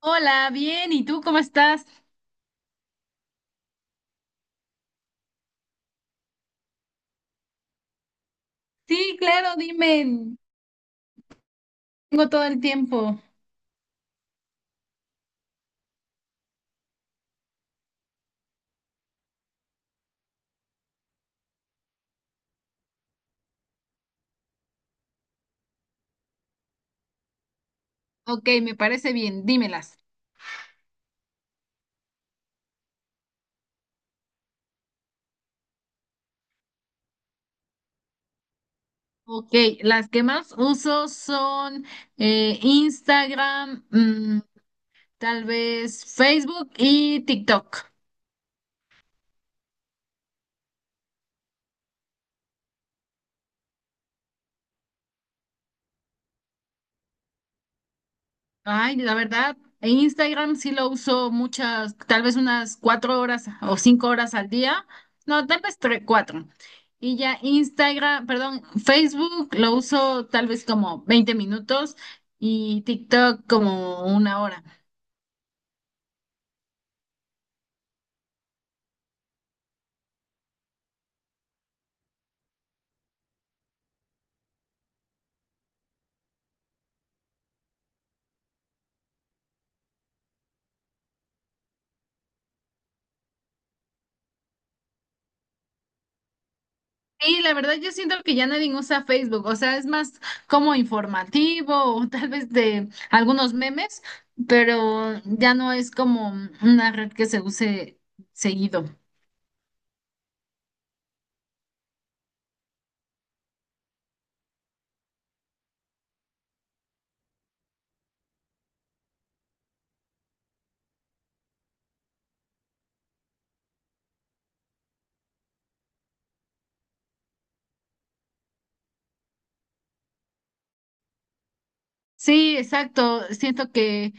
Hola, bien, ¿y tú cómo estás? Sí, claro, dime. Tengo todo el tiempo. Ok, me parece bien, dímelas. Ok, las que más uso son Instagram, tal vez Facebook y TikTok. Ay, la verdad, en Instagram sí lo uso muchas, tal vez unas 4 horas o 5 horas al día. No, tal vez tres, cuatro. Y ya Instagram, perdón, Facebook lo uso tal vez como 20 minutos y TikTok como 1 hora. Y la verdad yo siento que ya nadie usa Facebook, o sea, es más como informativo o tal vez de algunos memes, pero ya no es como una red que se use seguido. Sí, exacto. Siento que,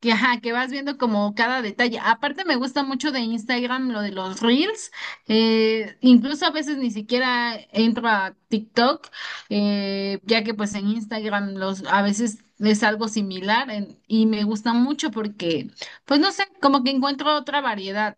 que, ajá, que vas viendo como cada detalle. Aparte me gusta mucho de Instagram lo de los reels. Incluso a veces ni siquiera entro a TikTok, ya que pues en Instagram los, a veces es algo similar y me gusta mucho porque, pues no sé, como que encuentro otra variedad.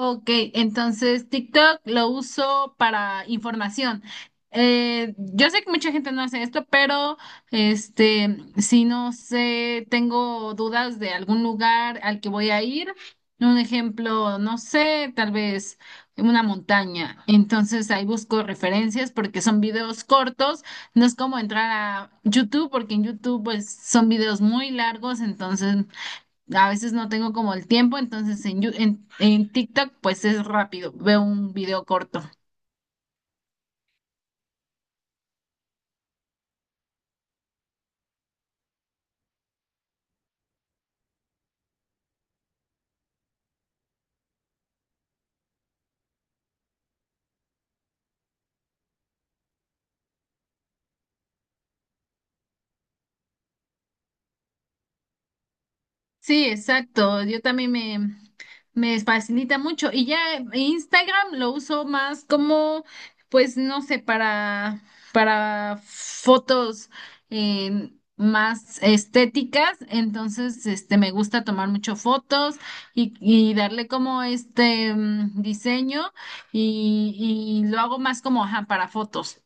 Ok, entonces TikTok lo uso para información. Yo sé que mucha gente no hace esto, pero este, si no sé, tengo dudas de algún lugar al que voy a ir. Un ejemplo, no sé, tal vez una montaña. Entonces ahí busco referencias porque son videos cortos. No es como entrar a YouTube porque en YouTube pues son videos muy largos, entonces a veces no tengo como el tiempo, entonces en TikTok pues es rápido, veo un video corto. Sí, exacto, yo también me facilita mucho y ya Instagram lo uso más como pues no sé, para, fotos, eh, más estéticas, entonces este me gusta tomar mucho fotos y darle como este diseño y lo hago más como ajá, para fotos.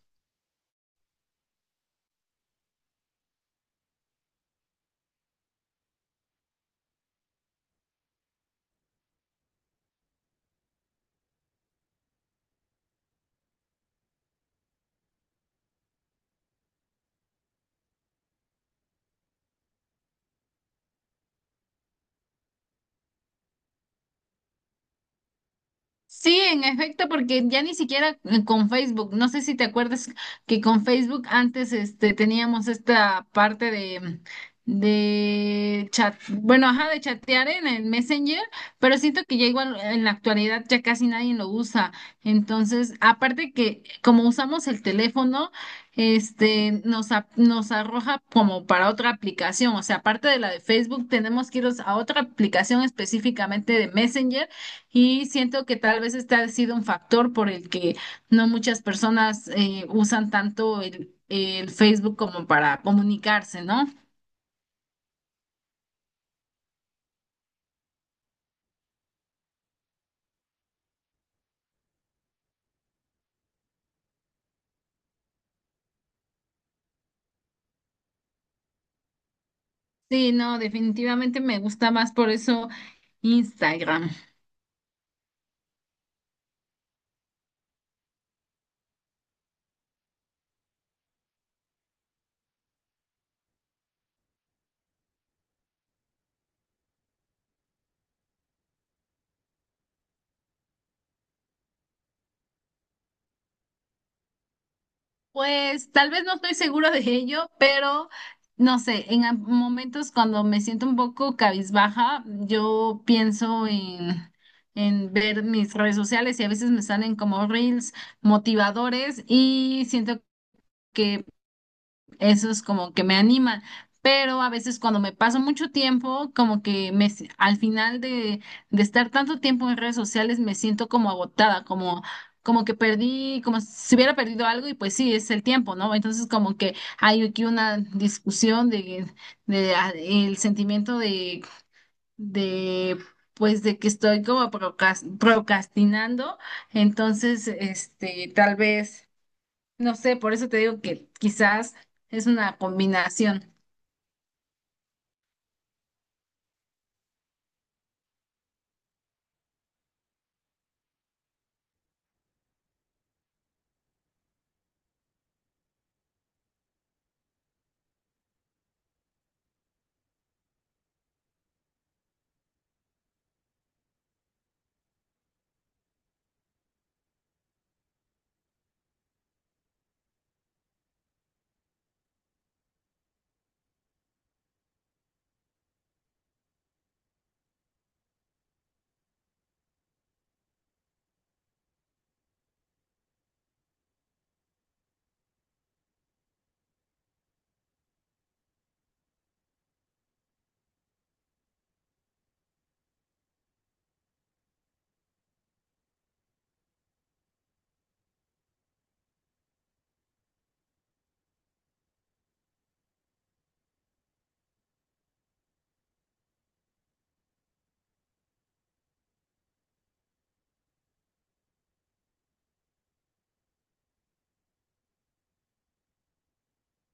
Sí, en efecto, porque ya ni siquiera con Facebook, no sé si te acuerdas que con Facebook antes este teníamos esta parte de chat, bueno, ajá, de chatear en el Messenger, pero siento que ya igual en la actualidad ya casi nadie lo usa. Entonces, aparte que como usamos el teléfono, este nos arroja como para otra aplicación, o sea, aparte de la de Facebook, tenemos que ir a otra aplicación específicamente de Messenger y siento que tal vez este ha sido un factor por el que no muchas personas usan tanto el Facebook como para comunicarse, ¿no? Sí, no, definitivamente me gusta más por eso Instagram. Pues tal vez no estoy segura de ello, pero no sé, en momentos cuando me siento un poco cabizbaja, yo pienso en ver mis redes sociales y a veces me salen como reels motivadores y siento que eso es como que me anima, pero a veces cuando me paso mucho tiempo, como que al final de estar tanto tiempo en redes sociales me siento como agotada, como, como que perdí, como si hubiera perdido algo y pues sí, es el tiempo, ¿no? Entonces como que hay aquí una discusión de el sentimiento de pues de que estoy como procrastinando, entonces este, tal vez no sé, por eso te digo que quizás es una combinación.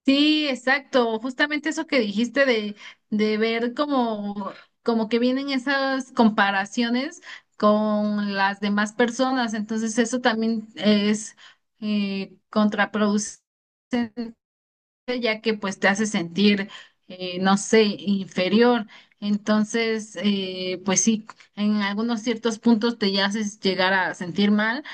Sí, exacto. Justamente eso que dijiste de ver como que vienen esas comparaciones con las demás personas. Entonces eso también es contraproducente, ya que pues te hace sentir, no sé, inferior. Entonces, pues sí, en algunos ciertos puntos te haces llegar a sentir mal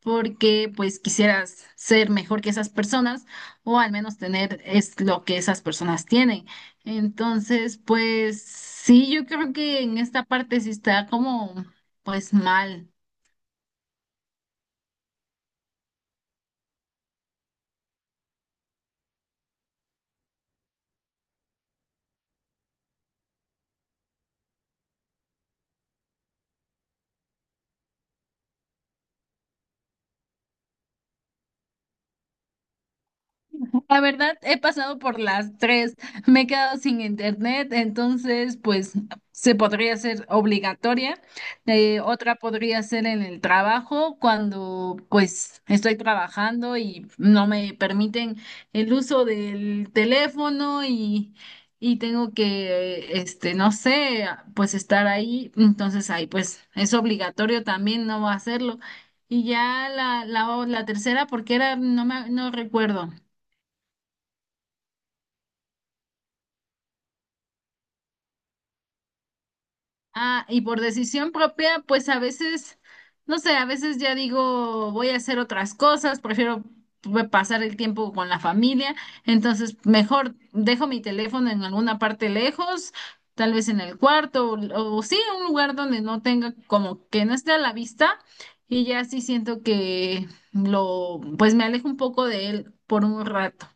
porque pues quisieras ser mejor que esas personas o al menos tener es lo que esas personas tienen. Entonces, pues sí, yo creo que en esta parte sí está como pues mal. La verdad, he pasado por las tres. Me he quedado sin internet, entonces, pues, se podría ser obligatoria. Otra podría ser en el trabajo, cuando, pues, estoy trabajando y no me permiten el uso del teléfono y tengo que, este, no sé, pues, estar ahí. Entonces, ahí, pues, es obligatorio también no hacerlo. Y ya la tercera, porque era, no recuerdo. Ah, y por decisión propia, pues a veces, no sé, a veces ya digo, voy a hacer otras cosas, prefiero pasar el tiempo con la familia, entonces mejor dejo mi teléfono en alguna parte lejos, tal vez en el cuarto, o sí, en un lugar donde no tenga, como que no esté a la vista, y ya sí siento que lo, pues me alejo un poco de él por un rato.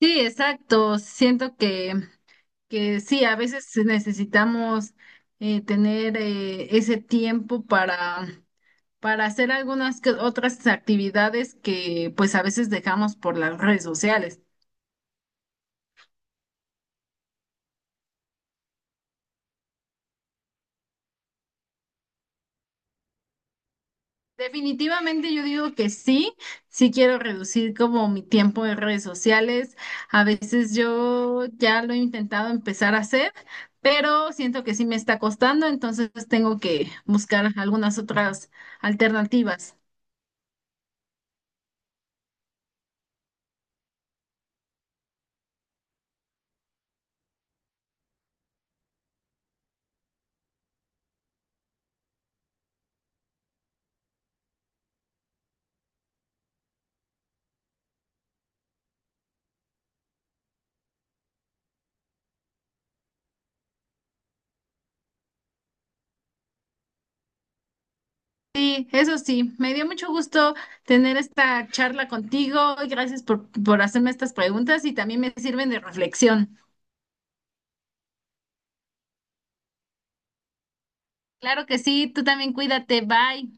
Sí, exacto, siento que sí, a veces necesitamos tener ese tiempo para hacer algunas que otras actividades que pues a veces dejamos por las redes sociales. Definitivamente yo digo que sí, sí quiero reducir como mi tiempo en redes sociales. A veces yo ya lo he intentado empezar a hacer, pero siento que sí me está costando, entonces tengo que buscar algunas otras alternativas. Sí, eso sí, me dio mucho gusto tener esta charla contigo y gracias por hacerme estas preguntas y también me sirven de reflexión. Claro que sí, tú también cuídate, bye.